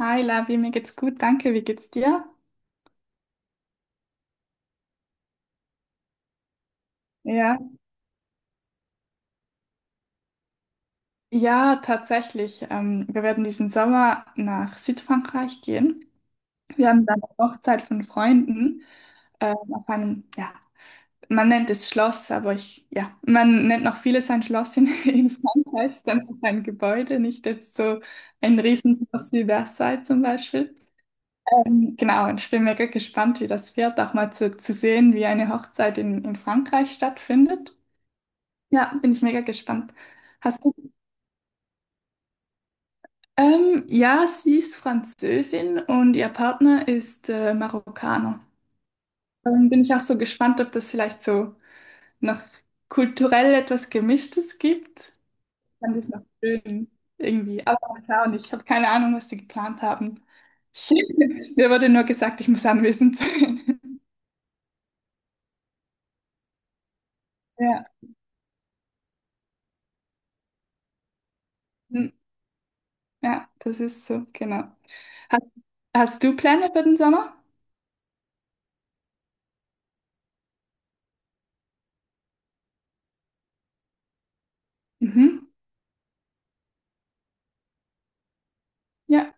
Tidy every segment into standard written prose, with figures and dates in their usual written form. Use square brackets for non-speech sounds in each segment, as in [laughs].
Hi Lavi, mir geht's gut, danke. Wie geht's dir? Ja. Ja, tatsächlich. Wir werden diesen Sommer nach Südfrankreich gehen. Wir haben da eine Hochzeit von Freunden auf einem, ja, man nennt es Schloss, aber ich, ja, man nennt noch vieles ein Schloss in, [laughs] in Frankreich, ist einfach ein Gebäude, nicht jetzt so ein Riesenschloss wie Versailles zum Beispiel. Genau, und ich bin mega gespannt, wie das wird, auch mal zu sehen, wie eine Hochzeit in Frankreich stattfindet. Ja, bin ich mega gespannt. Hast du? Ja, sie ist Französin und ihr Partner ist Marokkaner. Bin ich auch so gespannt, ob das vielleicht so noch kulturell etwas Gemischtes gibt. Fand ich noch schön irgendwie. Aber mal schauen, ich habe keine Ahnung, was sie geplant haben. Ich, [laughs] mir wurde nur gesagt, ich muss anwesend sein. [laughs] Ja, hm, ja, das ist so, genau. Hast, hast du Pläne für den Sommer? Mhm. Ja,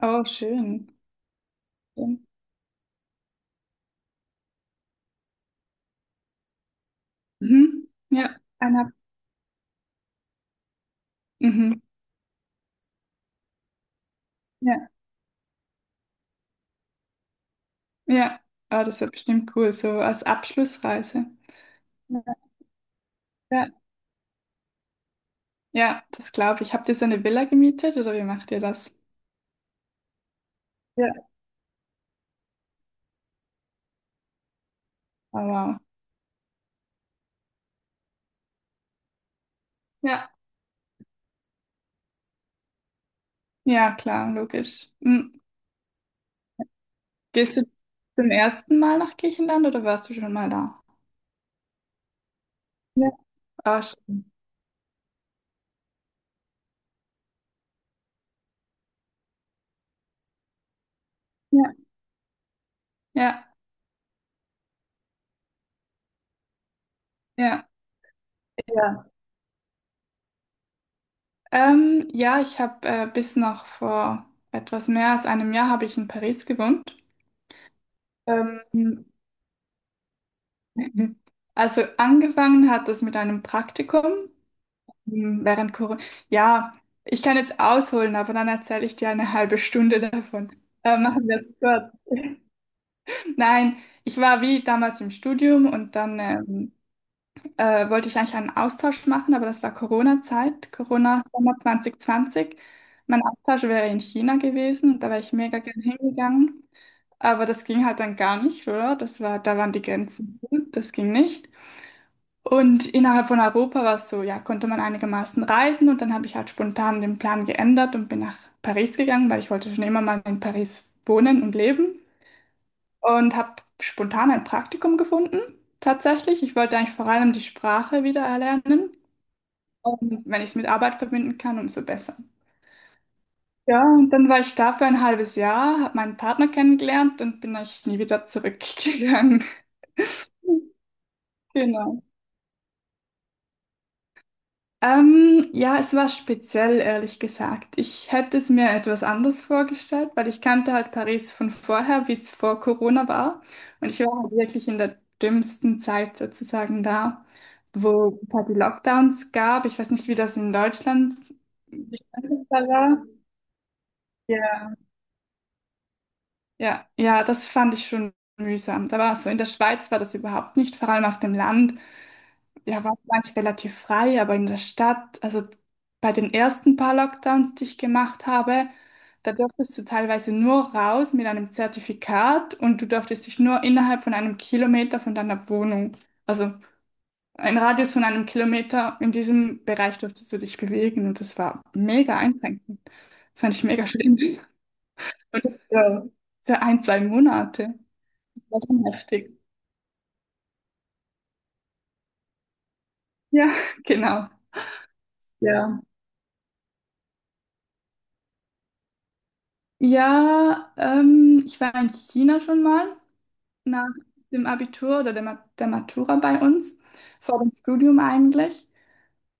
oh, schön. Mhm. Ja, Einer, mhm, ja. Ja, ah, das wird bestimmt cool, so als Abschlussreise. Ja, ja. Ja, das glaube ich. Habt ihr so eine Villa gemietet oder wie macht ihr das? Ja. Aber ja, ja, klar, logisch. Mhm. Gehst du zum ersten Mal nach Griechenland oder warst du schon mal da? Ja, ah, ja. Ja, ja. Ja. Ja, ich habe bis noch vor etwas mehr als einem Jahr habe ich in Paris gewohnt. Ähm, [laughs] mhm. Also angefangen hat das mit einem Praktikum während Corona. Ja, ich kann jetzt ausholen, aber dann erzähle ich dir eine halbe Stunde davon. Machen wir es kurz. Nein, ich war wie damals im Studium und dann wollte ich eigentlich einen Austausch machen, aber das war Corona-Zeit, Corona-Sommer 2020. Mein Austausch wäre in China gewesen, und da wäre ich mega gern hingegangen. Aber das ging halt dann gar nicht, oder? Das war, da waren die Grenzen zu, das ging nicht. Und innerhalb von Europa war es so, ja, konnte man einigermaßen reisen und dann habe ich halt spontan den Plan geändert und bin nach Paris gegangen, weil ich wollte schon immer mal in Paris wohnen und leben und habe spontan ein Praktikum gefunden, tatsächlich. Ich wollte eigentlich vor allem die Sprache wieder erlernen und wenn ich es mit Arbeit verbinden kann, umso besser. Ja, und dann war ich da für ein halbes Jahr, habe meinen Partner kennengelernt und bin eigentlich nie wieder zurückgegangen. [laughs] Genau. Ja, es war speziell, ehrlich gesagt. Ich hätte es mir etwas anders vorgestellt, weil ich kannte halt Paris von vorher, wie es vor Corona war. Und ich war halt wirklich in der dümmsten Zeit sozusagen da, wo es halt die Lockdowns gab. Ich weiß nicht, wie das in Deutschland gestaltet war. Ja. Ja, ja, das fand ich schon mühsam. Da war so, in der Schweiz war das überhaupt nicht, vor allem auf dem Land. Ja, war manchmal relativ frei, aber in der Stadt, also bei den ersten paar Lockdowns, die ich gemacht habe, da durftest du teilweise nur raus mit einem Zertifikat und du durftest dich nur innerhalb von einem Kilometer von deiner Wohnung, also ein Radius von einem Kilometer, in diesem Bereich durftest du dich bewegen und das war mega einschränkend. Fand ich mega schlimm. Und das für, ein, zwei Monate. Das war schon heftig. Ja, [laughs] genau. Ja. Ja, ich war in China schon mal. Nach dem Abitur oder der Matura bei uns, vor dem Studium eigentlich.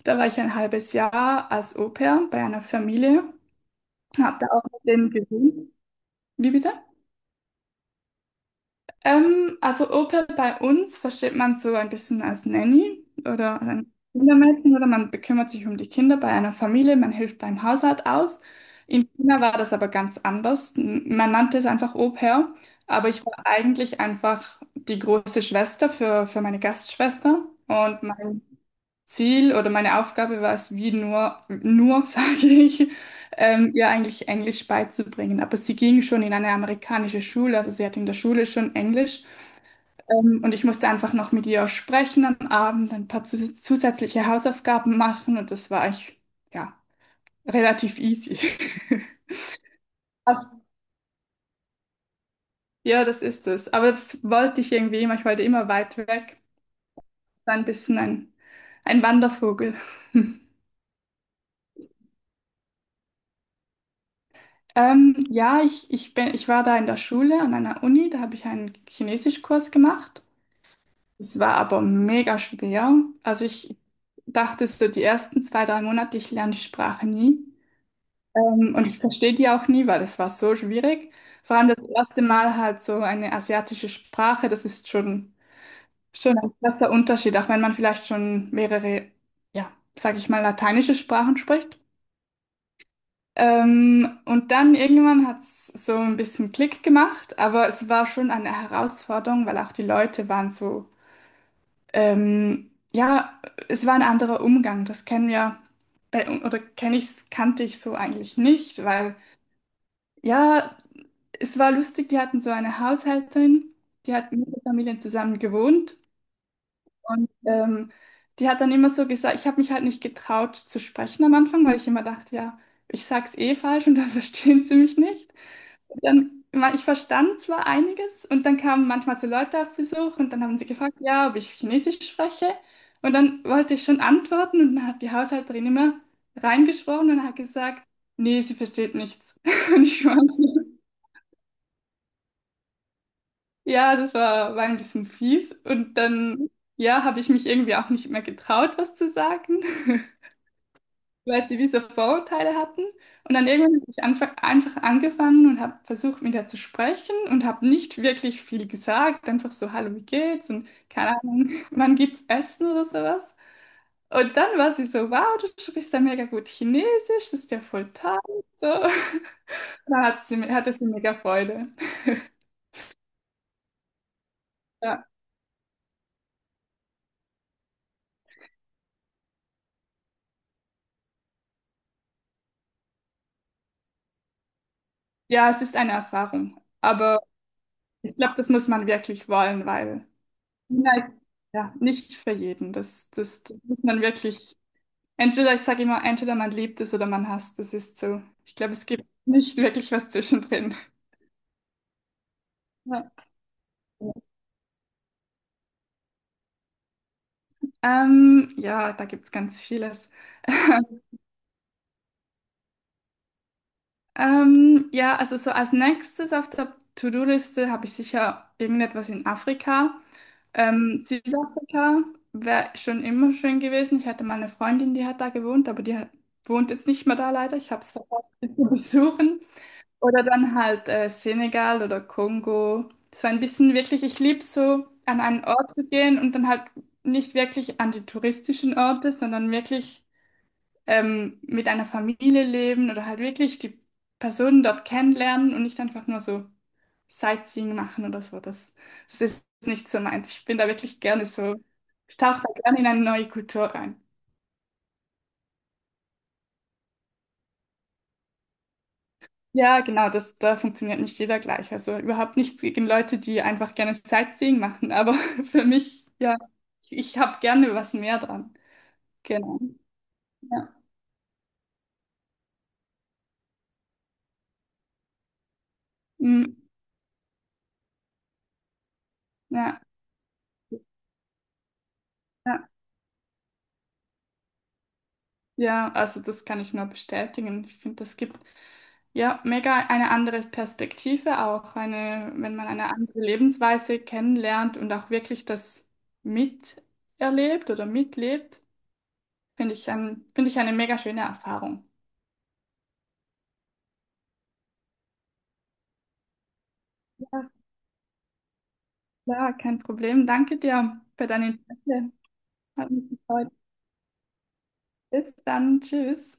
Da war ich ein halbes Jahr als Au-pair bei einer Familie, habe da auch mit denen gewohnt. Wie bitte? Also Opa bei uns versteht man so ein bisschen als Nanny oder als ein Kindermädchen oder man bekümmert sich um die Kinder bei einer Familie, man hilft beim Haushalt aus. In China war das aber ganz anders. Man nannte es einfach Au-pair, aber ich war eigentlich einfach die große Schwester für meine Gastschwester und mein Ziel oder meine Aufgabe war es, wie nur [laughs] sage ich, ihr eigentlich Englisch beizubringen. Aber sie ging schon in eine amerikanische Schule, also sie hat in der Schule schon Englisch. Und ich musste einfach noch mit ihr sprechen am Abend, ein paar zusätzliche Hausaufgaben machen und das war ich, ja, relativ easy. [laughs] Also, ja, das ist es. Aber das wollte ich irgendwie immer. Ich wollte immer weit weg. So ein bisschen ein Wandervogel. Ja, ich war da in der Schule an einer Uni, da habe ich einen Chinesischkurs gemacht. Es war aber mega schwer. Also ich dachte so, die ersten zwei, drei Monate, ich lerne die Sprache nie. Und ich verstehe die auch nie, weil das war so schwierig. Vor allem das erste Mal halt so eine asiatische Sprache, das ist schon ein krasser Unterschied, auch wenn man vielleicht schon mehrere, ja, sag ich mal, lateinische Sprachen spricht. Und dann irgendwann hat es so ein bisschen Klick gemacht, aber es war schon eine Herausforderung, weil auch die Leute waren so, ja, es war ein anderer Umgang, das kennen wir, kannte ich so eigentlich nicht, weil. Ja, es war lustig, die hatten so eine Haushälterin, die hat mit der Familie zusammen gewohnt und die hat dann immer so gesagt, ich habe mich halt nicht getraut zu sprechen am Anfang, weil ich immer dachte, ja, ich sag's eh falsch und dann [laughs] verstehen sie mich nicht. Und dann, ich verstand zwar einiges und dann kamen manchmal so Leute auf Besuch und dann haben sie gefragt, ja, ob ich Chinesisch spreche und dann wollte ich schon antworten und dann hat die Haushälterin immer reingesprochen und hat gesagt, nee, sie versteht nichts. [laughs] Und ich war so, ja, das war, war ein bisschen fies. Und dann, ja, habe ich mich irgendwie auch nicht mehr getraut, was zu sagen, [laughs] weil sie diese Vorurteile hatten. Und dann irgendwann habe ich einfach angefangen und habe versucht, mit ihr zu sprechen und habe nicht wirklich viel gesagt. Einfach so, hallo, wie geht's? Und keine Ahnung, [laughs] wann gibt's Essen oder sowas. Und dann war sie so, wow, du sprichst ja mega gut Chinesisch, das ist ja voll toll. So. [laughs] Da hat hatte sie mega Freude. Ja. Ja, es ist eine Erfahrung. Aber ich glaube, das muss man wirklich wollen, weil China ja nicht für jeden. Das muss man wirklich, entweder, ich sage immer, entweder man liebt es oder man hasst es, ist so. Ich glaube, es gibt [laughs] nicht wirklich was zwischendrin. Ja, ja da gibt es ganz vieles. [laughs] Ja, also so als nächstes auf der To-Do-Liste habe ich sicher irgendetwas in Afrika. Südafrika wäre schon immer schön gewesen. Ich hatte mal eine Freundin, die hat da gewohnt, aber die hat, wohnt jetzt nicht mehr da leider. Ich habe es verpasst, [laughs] sie zu besuchen. Oder dann halt Senegal oder Kongo. So ein bisschen wirklich, ich liebe so, an einen Ort zu gehen und dann halt nicht wirklich an die touristischen Orte, sondern wirklich mit einer Familie leben oder halt wirklich die Personen dort kennenlernen und nicht einfach nur so Sightseeing machen oder so. Das ist nicht so meins. Ich bin da wirklich gerne so, ich tauche da gerne in eine neue Kultur rein. Ja, genau, das, da funktioniert nicht jeder gleich. Also überhaupt nichts gegen Leute, die einfach gerne Sightseeing machen, aber [laughs] für mich, ja, ich habe gerne was mehr dran. Genau. Ja. Mm, ja. Ja, ja, also das kann ich nur bestätigen. Ich finde, das gibt ja, mega eine andere Perspektive auch, eine, wenn man eine andere Lebensweise kennenlernt und auch wirklich das miterlebt oder mitlebt, finde ich eine mega schöne Erfahrung. Ja, klar, kein Problem. Danke dir für dein Interesse. Hat mich gefreut. Bis dann. Tschüss.